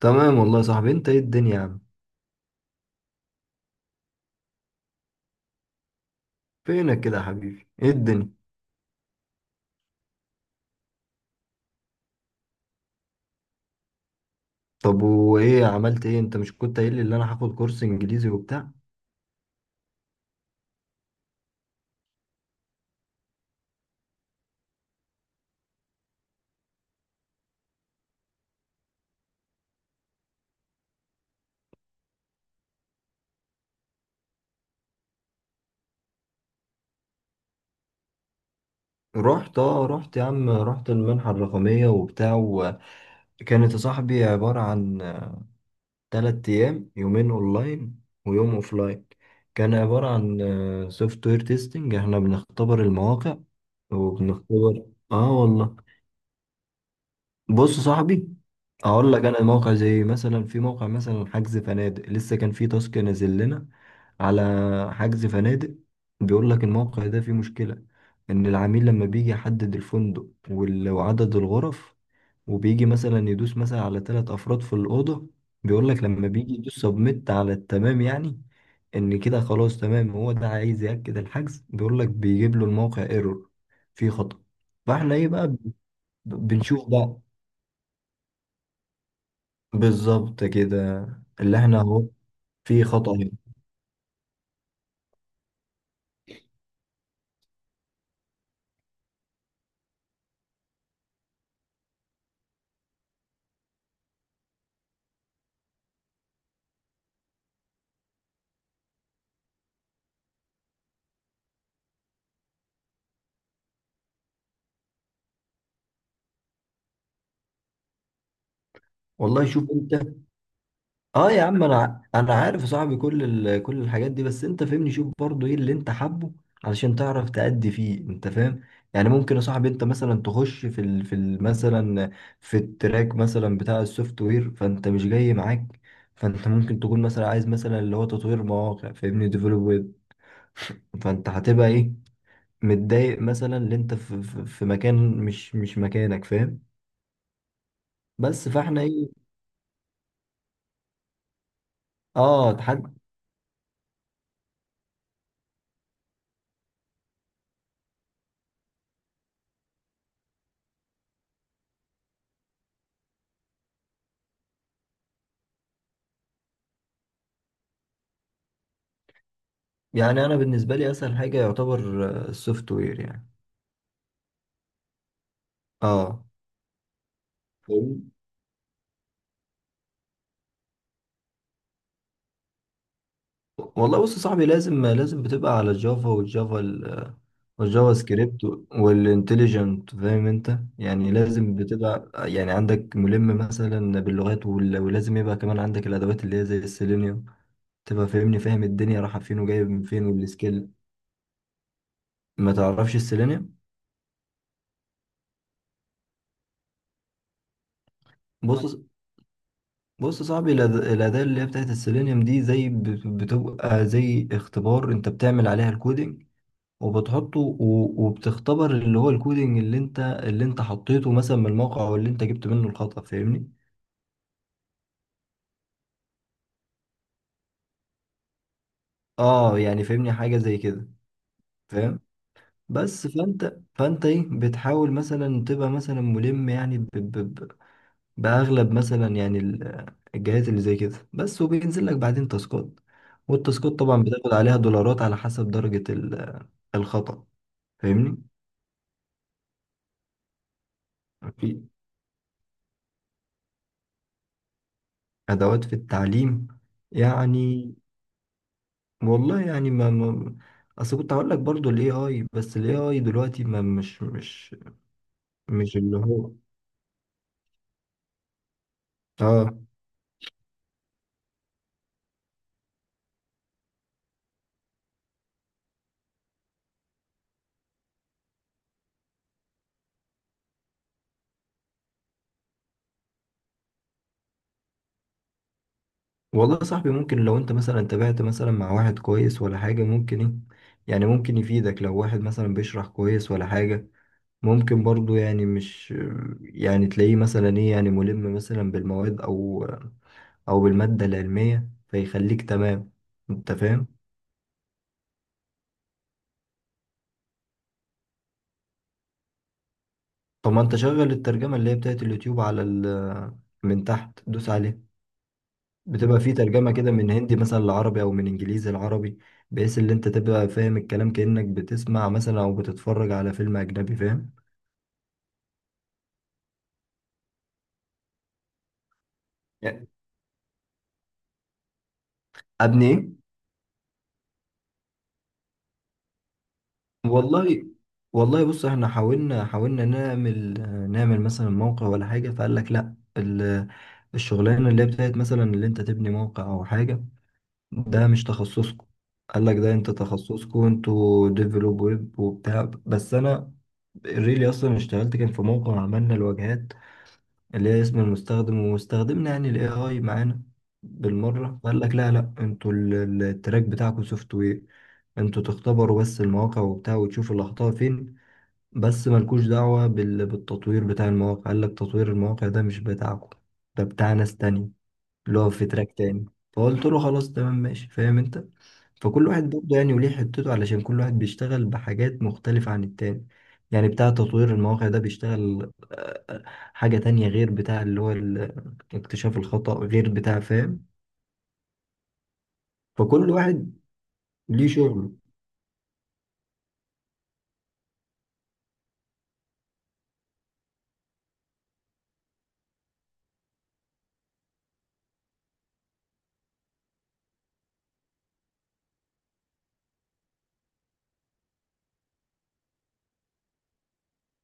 تمام، والله يا صاحبي. انت ايه الدنيا يا عم؟ فينك كده يا حبيبي؟ ايه الدنيا؟ طب وايه، عملت ايه؟ انت مش كنت قايل لي ان انا هاخد كورس انجليزي وبتاع؟ رحت يا عم، رحت المنحة الرقمية وبتاع، وكانت يا صاحبي عبارة عن 3 ايام: يومين اونلاين ويوم اوفلاين. كان عبارة عن سوفت وير تيستنج، احنا بنختبر المواقع وبنختبر. اه والله، بص يا صاحبي اقول لك انا. موقع زي مثلا، في موقع مثلا حجز فنادق، لسه كان في تاسك نازل لنا على حجز فنادق. بيقول لك الموقع ده فيه مشكلة، ان العميل لما بيجي يحدد الفندق وعدد الغرف، وبيجي مثلا يدوس مثلا على ثلاث افراد في الأوضة، بيقول لك لما بيجي يدوس سبميت على التمام، يعني ان كده خلاص تمام، هو ده عايز يأكد الحجز، بيقول لك بيجيب له الموقع ايرور، فيه خطأ. فاحنا ايه بقى، بنشوف بقى. بالظبط كده. اللي احنا اهو. في خطأ هنا. والله شوف انت. اه يا عم، انا عارف يا صاحبي كل كل الحاجات دي، بس انت فهمني شوف برضو ايه اللي انت حابه علشان تعرف تأدي فيه، انت فاهم؟ يعني ممكن يا صاحبي انت مثلا تخش مثلا في التراك مثلا بتاع السوفت وير، فانت مش جاي معاك. فانت ممكن تكون مثلا عايز مثلا اللي هو تطوير مواقع، فاهمني، ديفلوب ويب. فانت هتبقى ايه، متضايق مثلا، اللي انت في مكان مش مكانك، فاهم؟ بس فاحنا ايه. اه تحد. يعني انا بالنسبه لي اسهل حاجه يعتبر السوفت وير يعني. اه فاهمني؟ والله بص يا صاحبي، لازم لازم بتبقى على الجافا والجافا سكريبت والانتليجنت، فاهم انت؟ يعني لازم بتبقى يعني عندك ملم مثلا باللغات ولازم يبقى كمان عندك الادوات اللي هي زي السيلينيوم، تبقى فاهمني، فاهم الدنيا رايحه فين وجايه من فين والسكيل. ما تعرفش السيلينيوم؟ بص، بص يا صاحبي، الأداة اللي هي بتاعت السيلينيوم دي زي بتبقى زي اختبار، انت بتعمل عليها الكودينج وبتحطه وبتختبر اللي هو الكودينج اللي انت حطيته مثلا من الموقع، او اللي انت جبت منه الخطأ، فاهمني؟ اه يعني فاهمني، حاجة زي كده. فاهم. بس فانت ايه، بتحاول مثلا تبقى مثلا ملم، يعني ب ب ب باغلب مثلا يعني الجهات اللي زي كده بس، وبينزل لك بعدين تاسكات. والتاسكات طبعا بتاخد عليها دولارات على حسب درجة الخطأ، فاهمني؟ في ادوات في التعليم، يعني والله، يعني ما اصل كنت هقول لك برضو الاي اي، بس الاي اي دلوقتي ما، مش اللي هو. اه والله يا صاحبي، ممكن لو انت مثلا تابعت مثلا مع واحد كويس ولا حاجة، ممكن ايه، يعني ممكن يفيدك، لو واحد مثلا بيشرح كويس ولا حاجة، ممكن برضو يعني مش، يعني تلاقيه مثلا ايه، يعني ملم مثلا بالمواد او بالمادة العلمية، فيخليك تمام، انت فاهم؟ طب ما انت شغل الترجمة اللي هي بتاعت اليوتيوب على من تحت، دوس عليها. بتبقى في ترجمة كده من هندي مثلا لعربي او من انجليزي لعربي، بحيث ان انت تبقى فاهم الكلام كأنك بتسمع مثلا او بتتفرج على فيلم اجنبي، فاهم؟ يعني ابني ايه؟ والله، والله بص، احنا حاولنا حاولنا نعمل، نعمل مثلا موقع ولا حاجة، فقال لك لا، الشغلانة اللي هي بتاعت مثلا اللي انت تبني موقع او حاجة، ده مش تخصصكم. قال لك ده انت تخصصكم، انتوا ديفلوب ويب وبتاع، بس انا ريلي اصلا اشتغلت، كان في موقع عملنا الواجهات اللي هي اسم المستخدم، واستخدمنا يعني الاي اي معانا بالمره. قال لك لا لا، انتوا التراك بتاعكم سوفت وير، انتوا تختبروا بس المواقع وبتاع وتشوفوا الاخطاء فين، بس ملكوش دعوه بالتطوير بتاع المواقع. قال لك تطوير المواقع ده مش بتاعكم، ده بتاع ناس تانية، اللي هو في تراك تاني. فقلت له خلاص تمام ماشي، فاهم انت. فكل واحد برضه يعني وليه حتته، علشان كل واحد بيشتغل بحاجات مختلفة عن التاني. يعني بتاع تطوير المواقع ده بيشتغل حاجة تانية، غير بتاع اللي هو اكتشاف الخطأ، غير بتاع، فاهم؟ فكل واحد ليه شغله.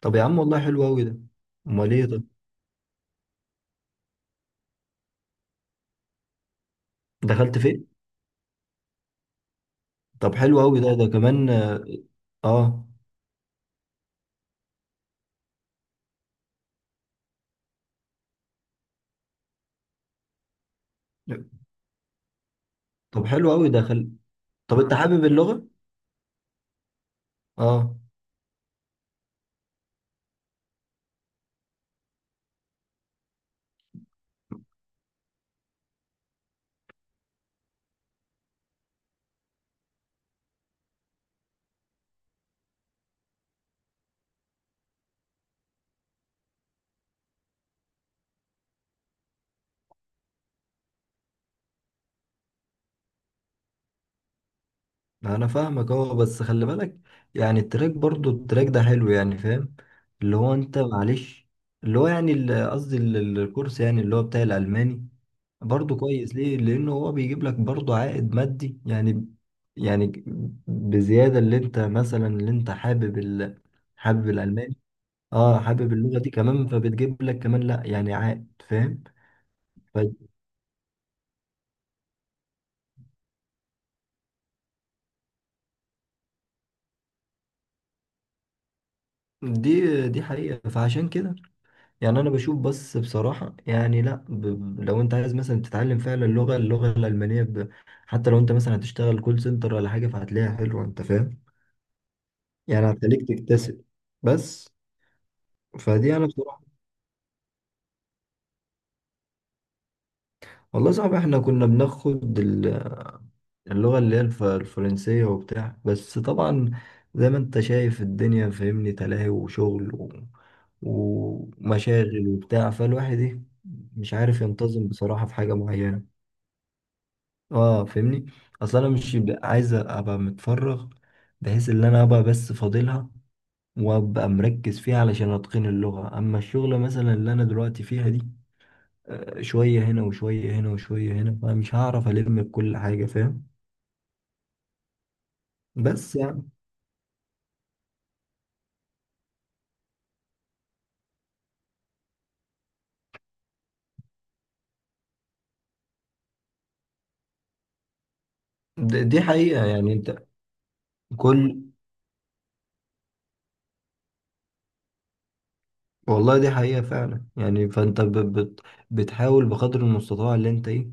طب يا عم والله حلو أوي ده. أمال إيه طب؟ دخلت فين؟ طب حلو أوي ده، ده كمان آه. آه. طب حلو أوي، دخل. طب أنت حابب اللغة؟ آه. انا فاهمك اهو، بس خلي بالك، يعني التراك، برضو التراك ده حلو، يعني فاهم اللي هو انت معلش، اللي هو يعني قصدي الكورس يعني اللي هو بتاع الالماني. برضو كويس، ليه؟ لانه هو بيجيب لك برضو عائد مادي، يعني يعني بزيادة، اللي انت حابب حابب الالماني. اه، حابب اللغة دي كمان، فبتجيب لك كمان لا يعني عائد، فاهم؟ فدي حقيقة، فعشان كده يعني انا بشوف بس بصراحة، يعني لا، لو انت عايز مثلا تتعلم فعلا اللغة الألمانية ب... حتى لو انت مثلا هتشتغل كول سنتر ولا حاجة، فهتلاقيها حلوة، انت فاهم؟ يعني هتخليك تكتسب، بس فدي انا بصراحة. والله صعب. احنا كنا بناخد اللغة اللي هي الفرنسية وبتاع، بس طبعا زي ما انت شايف الدنيا، فاهمني، تلاهي وشغل ومشاغل وبتاع، فالواحد ايه، مش عارف ينتظم بصراحة في حاجة معينة. اه فاهمني، اصل انا مش عايز ابقى متفرغ، بحيث ان انا ابقى بس فاضلها، وابقى مركز فيها علشان اتقن اللغة. اما الشغلة مثلا اللي انا دلوقتي فيها دي، شوية هنا وشوية هنا وشوية هنا، فمش هعرف الم بكل حاجة، فاهم؟ بس يعني دي حقيقة يعني انت، كل، والله دي حقيقة فعلا، يعني فانت بت... بتحاول بقدر المستطاع اللي انت ايه،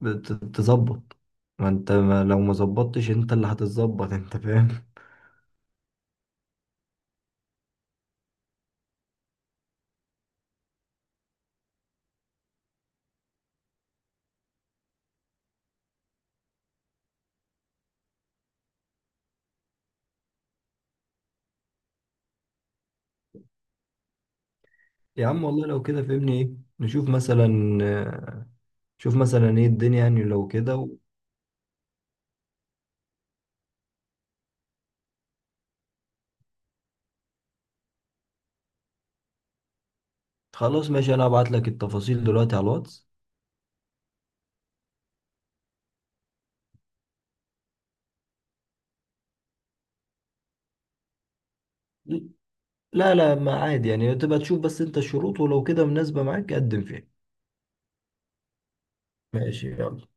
تظبط. ما انت ما، لو ما ظبطتش انت، اللي هتتظبط انت، فاهم؟ يا عم والله لو كده فهمني ايه، نشوف مثلا شوف مثلا ايه الدنيا يعني، لو كده خلاص ماشي، انا هبعت لك التفاصيل دلوقتي على الواتس. لا لا، ما عادي يعني، تبقى تشوف بس انت الشروط، ولو كده مناسبة معاك قدم فيها. ماشي يلا.